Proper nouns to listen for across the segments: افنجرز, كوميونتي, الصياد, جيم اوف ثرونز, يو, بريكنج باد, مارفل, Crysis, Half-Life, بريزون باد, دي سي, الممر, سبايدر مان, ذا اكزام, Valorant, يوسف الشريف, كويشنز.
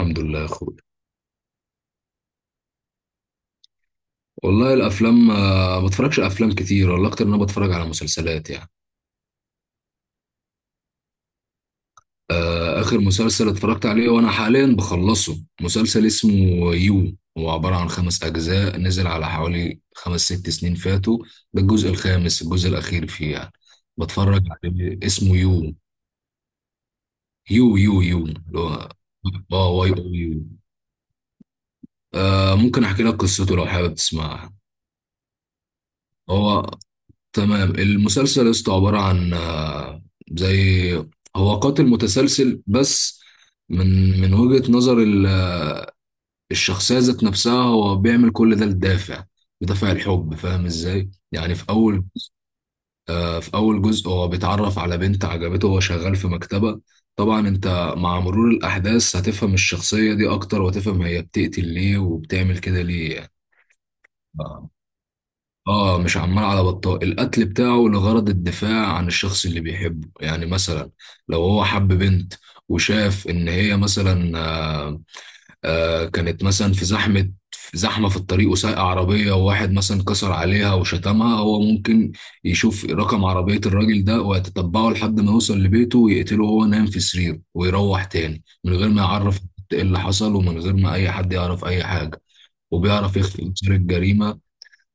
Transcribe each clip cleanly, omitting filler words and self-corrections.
الحمد لله يا اخويا. والله الافلام ما بتفرجش على افلام كتير، والله اكتر ان انا بتفرج على مسلسلات يعني. اخر مسلسل اتفرجت عليه وانا حاليا بخلصه مسلسل اسمه يو، هو عبارة عن خمس اجزاء نزل على حوالي خمس ست سنين فاتوا، ده الجزء الخامس الجزء الاخير فيه يعني. بتفرج عليه اسمه يو اللي هو اه واي او يو. ممكن احكي لك قصته لو حابب تسمعها؟ هو تمام. المسلسل يا اسطى عبارة عن زي، هو قاتل متسلسل بس من وجهة نظر الشخصية ذات نفسها، هو بيعمل كل ده لدافع، بدافع الحب، فاهم ازاي؟ يعني في أول، في أول جزء هو بيتعرف على بنت عجبته وهو شغال في مكتبة. طبعا انت مع مرور الأحداث هتفهم الشخصية دي أكتر، وهتفهم هي بتقتل ليه وبتعمل كده ليه يعني. آه. اه مش عمال على بطال، القتل بتاعه لغرض الدفاع عن الشخص اللي بيحبه، يعني مثلا لو هو حب بنت وشاف ان هي مثلا آه كانت مثلا في زحمة، في الطريق وسايقة عربية، وواحد مثلا كسر عليها وشتمها، هو ممكن يشوف رقم عربية الراجل ده ويتتبعه لحد ما يوصل لبيته ويقتله وهو نايم في سريره، ويروح تاني من غير ما يعرف ايه اللي حصل ومن غير ما اي حد يعرف اي حاجة، وبيعرف يخفي اثار الجريمة.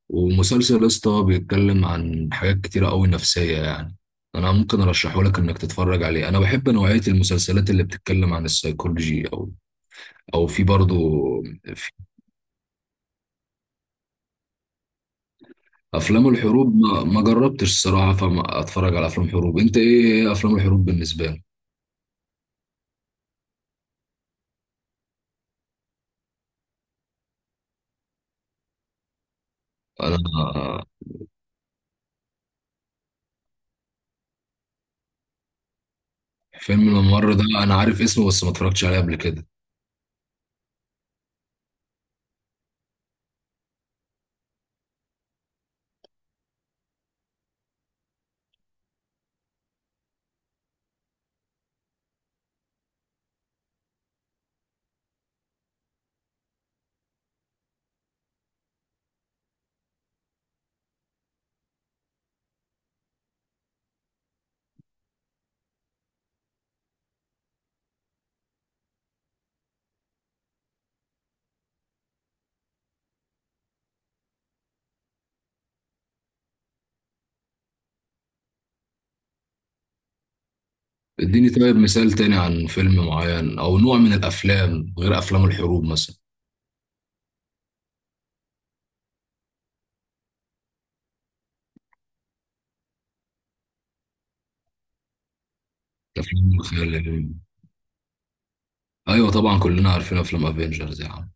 ومسلسل اسطى بيتكلم عن حاجات كتيرة قوي نفسية يعني. انا ممكن ارشحه لك انك تتفرج عليه، انا بحب نوعية المسلسلات اللي بتتكلم عن السيكولوجي او او في برضو. في افلام الحروب ما جربتش الصراحة، فما اتفرج على افلام حروب. انت ايه، افلام الحروب بالنسبة لك؟ انا فيلم الممر ده انا عارف اسمه بس ما اتفرجتش عليه قبل كده. اديني طيب مثال تاني عن فيلم معين او نوع من الافلام غير افلام الحروب مثلا. افلام الخيال العلمي. ايوه طبعا كلنا عارفين افلام افنجرز يا عم.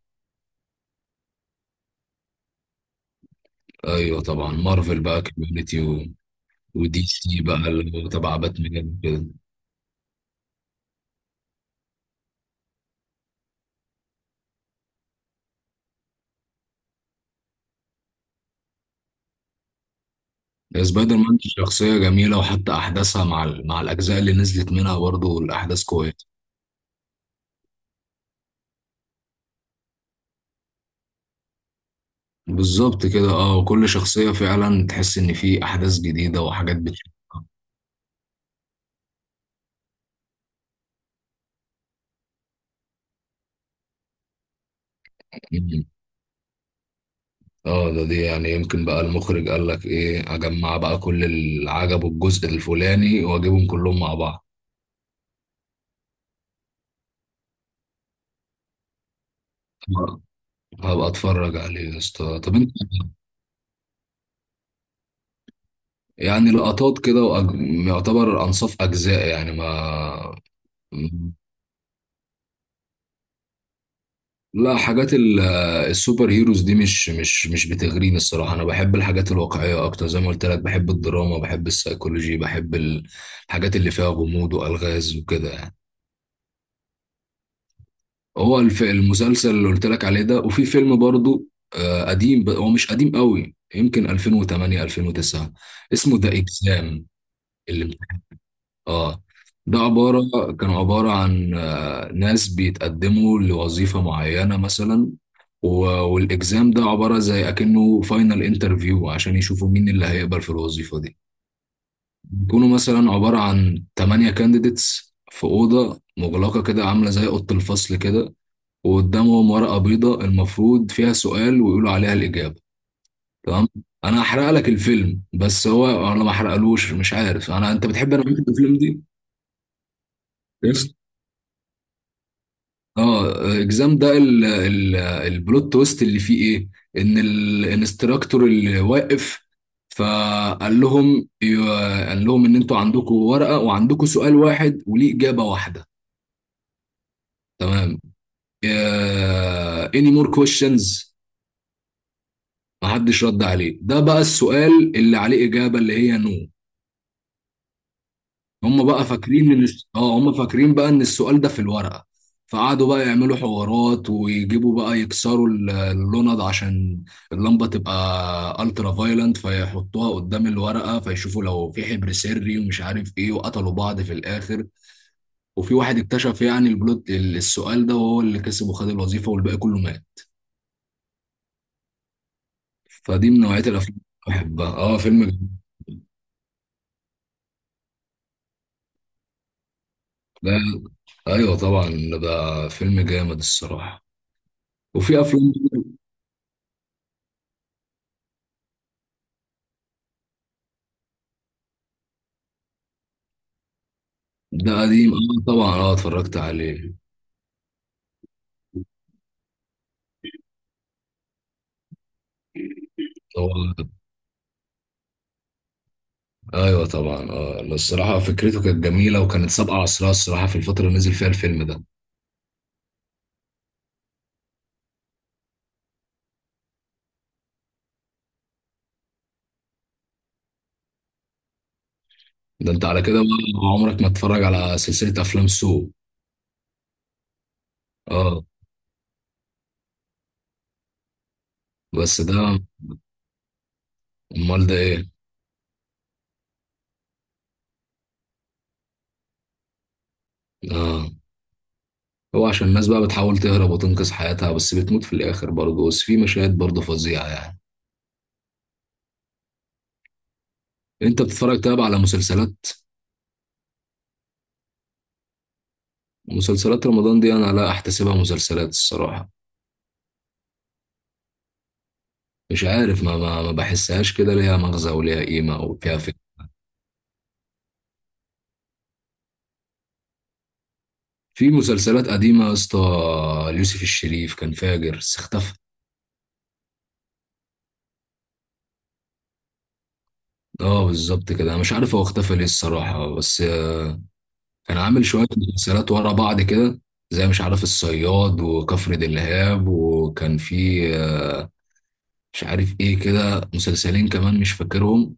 ايوه طبعا مارفل بقى كوميونتي و... ودي سي بقى اللي هو تبع باتمان كده. سبايدر مان شخصيه جميله، وحتى احداثها مع ال... مع الاجزاء اللي نزلت منها برضه الاحداث كويسه. بالظبط كده اه، وكل شخصيه فعلا تحس ان في احداث جديده وحاجات بتشوفها. مم. اه ده دي يعني يمكن بقى المخرج قال لك ايه، اجمع بقى كل اللي عجبه الجزء الفلاني واجيبهم كلهم مع بعض. آه، هبقى اتفرج عليه يا اسطى. طب انت؟ يعني لقطات كده وأج... يعتبر أنصاف أجزاء يعني، ما لا، حاجات السوبر هيروز دي مش بتغريني الصراحة، أنا بحب الحاجات الواقعية أكتر زي ما قلت لك، بحب الدراما بحب السيكولوجي بحب الحاجات اللي فيها غموض وألغاز وكده يعني. هو المسلسل اللي قلت لك عليه ده، وفي فيلم برضو قديم، هو مش قديم قوي، يمكن 2008 2009، اسمه ذا اكزام. اللي اه ده عبارة، كانوا عبارة عن ناس بيتقدموا لوظيفة معينة مثلا، و- والإكزام ده عبارة زي أكنه فاينل انترفيو عشان يشوفوا مين اللي هيقبل في الوظيفة دي. بيكونوا مثلا عبارة عن تمانية كانديديتس في أوضة مغلقة كده عاملة زي أوضة الفصل كده، وقدامهم ورقة بيضاء المفروض فيها سؤال ويقولوا عليها الإجابة. تمام. أنا هحرق لك الفيلم بس هو أنا ما حرقلوش، مش عارف أنا، أنت بتحب أنا الأفلام دي. اه اكزام ده ال البلوت تويست اللي فيه ايه، ان الانستراكتور اللي واقف فقال لهم، قال لهم ان انتوا عندكم ورقه وعندكم سؤال واحد وليه اجابه واحده. تمام. اني مور كويشنز. محدش رد عليه، ده بقى السؤال اللي عليه اجابه اللي هي نو. هم بقى فاكرين ان هم فاكرين بقى ان السؤال ده في الورقة، فقعدوا بقى يعملوا حوارات ويجيبوا بقى يكسروا اللوند عشان اللمبة تبقى الترا فايلنت فيحطوها قدام الورقة فيشوفوا لو في حبر سري ومش عارف ايه، وقتلوا بعض في الاخر. وفي واحد اكتشف يعني البلوت السؤال ده وهو اللي كسب وخد الوظيفة والباقي كله مات. فدي من نوعية الافلام اللي بحبها، اه فيلم جامد. ده ايوه طبعا، ده فيلم جامد الصراحة. وفي افلام، ده قديم اه، طبعا اه اتفرجت عليه طبعا. ايوه طبعا اه، لا، الصراحه فكرته كانت جميله وكانت سابقه عصرها الصراحه في الفتره اللي نزل فيها الفيلم ده. ده انت على كده بقى عمرك ما تتفرج على سلسله افلام سو. اه بس ده، امال ده ايه؟ اه، هو عشان الناس بقى بتحاول تهرب وتنقذ حياتها بس بتموت في الاخر برضه، بس في مشاهد برضه فظيعه يعني. انت بتتفرج طيب على مسلسلات؟ مسلسلات رمضان دي انا لا احتسبها مسلسلات الصراحه. مش عارف، ما بحسهاش كده ليها مغزى وليها قيمة وفيها. في مسلسلات قديمة يا اسطى، يوسف الشريف كان فاجر بس اختفى. اه بالظبط كده، انا مش عارف هو اختفى ليه الصراحة، بس كان عامل شوية مسلسلات ورا بعض كده، زي مش عارف الصياد وكفر دلهاب، وكان في مش عارف ايه كده، مسلسلين كمان مش فاكرهم،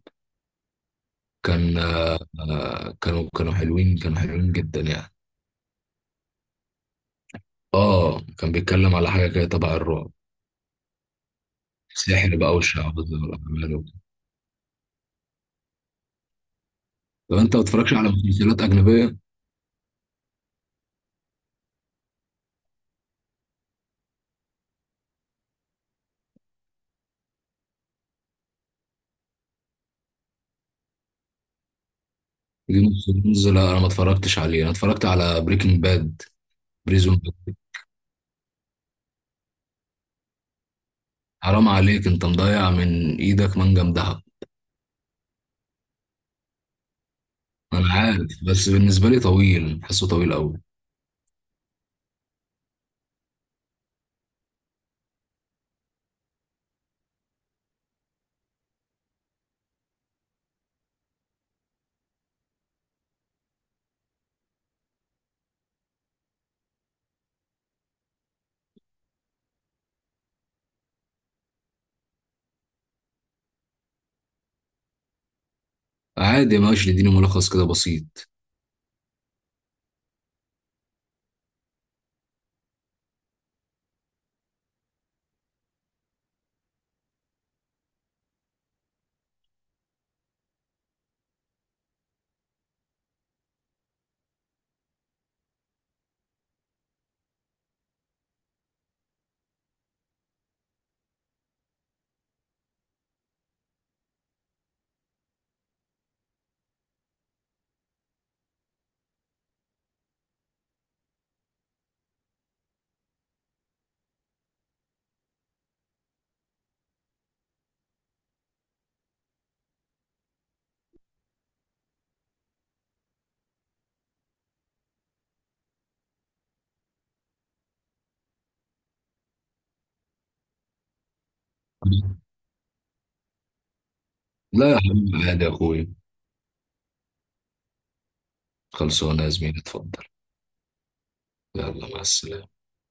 كان كانوا حلوين، كانوا حلوين جدا يعني. اه كان بيتكلم على حاجة كده تبع الرعب، سحر بقى والشعوذة والأعمال وكده. طب انت ما بتتفرجش على مسلسلات أجنبية؟ جيم اوف ثرونز لا انا ما اتفرجتش عليه، انا اتفرجت على بريكنج باد، بريزون باد. حرام عليك، انت مضيع من ايدك منجم دهب. انا عارف، بس بالنسبه لي طويل، حاسه طويل قوي. عادي ماشي، اديني ملخص كده بسيط. لا يا حبيبي عادي يا اخوي. خلصونا يا زميلي، اتفضل. يلا مع السلامه.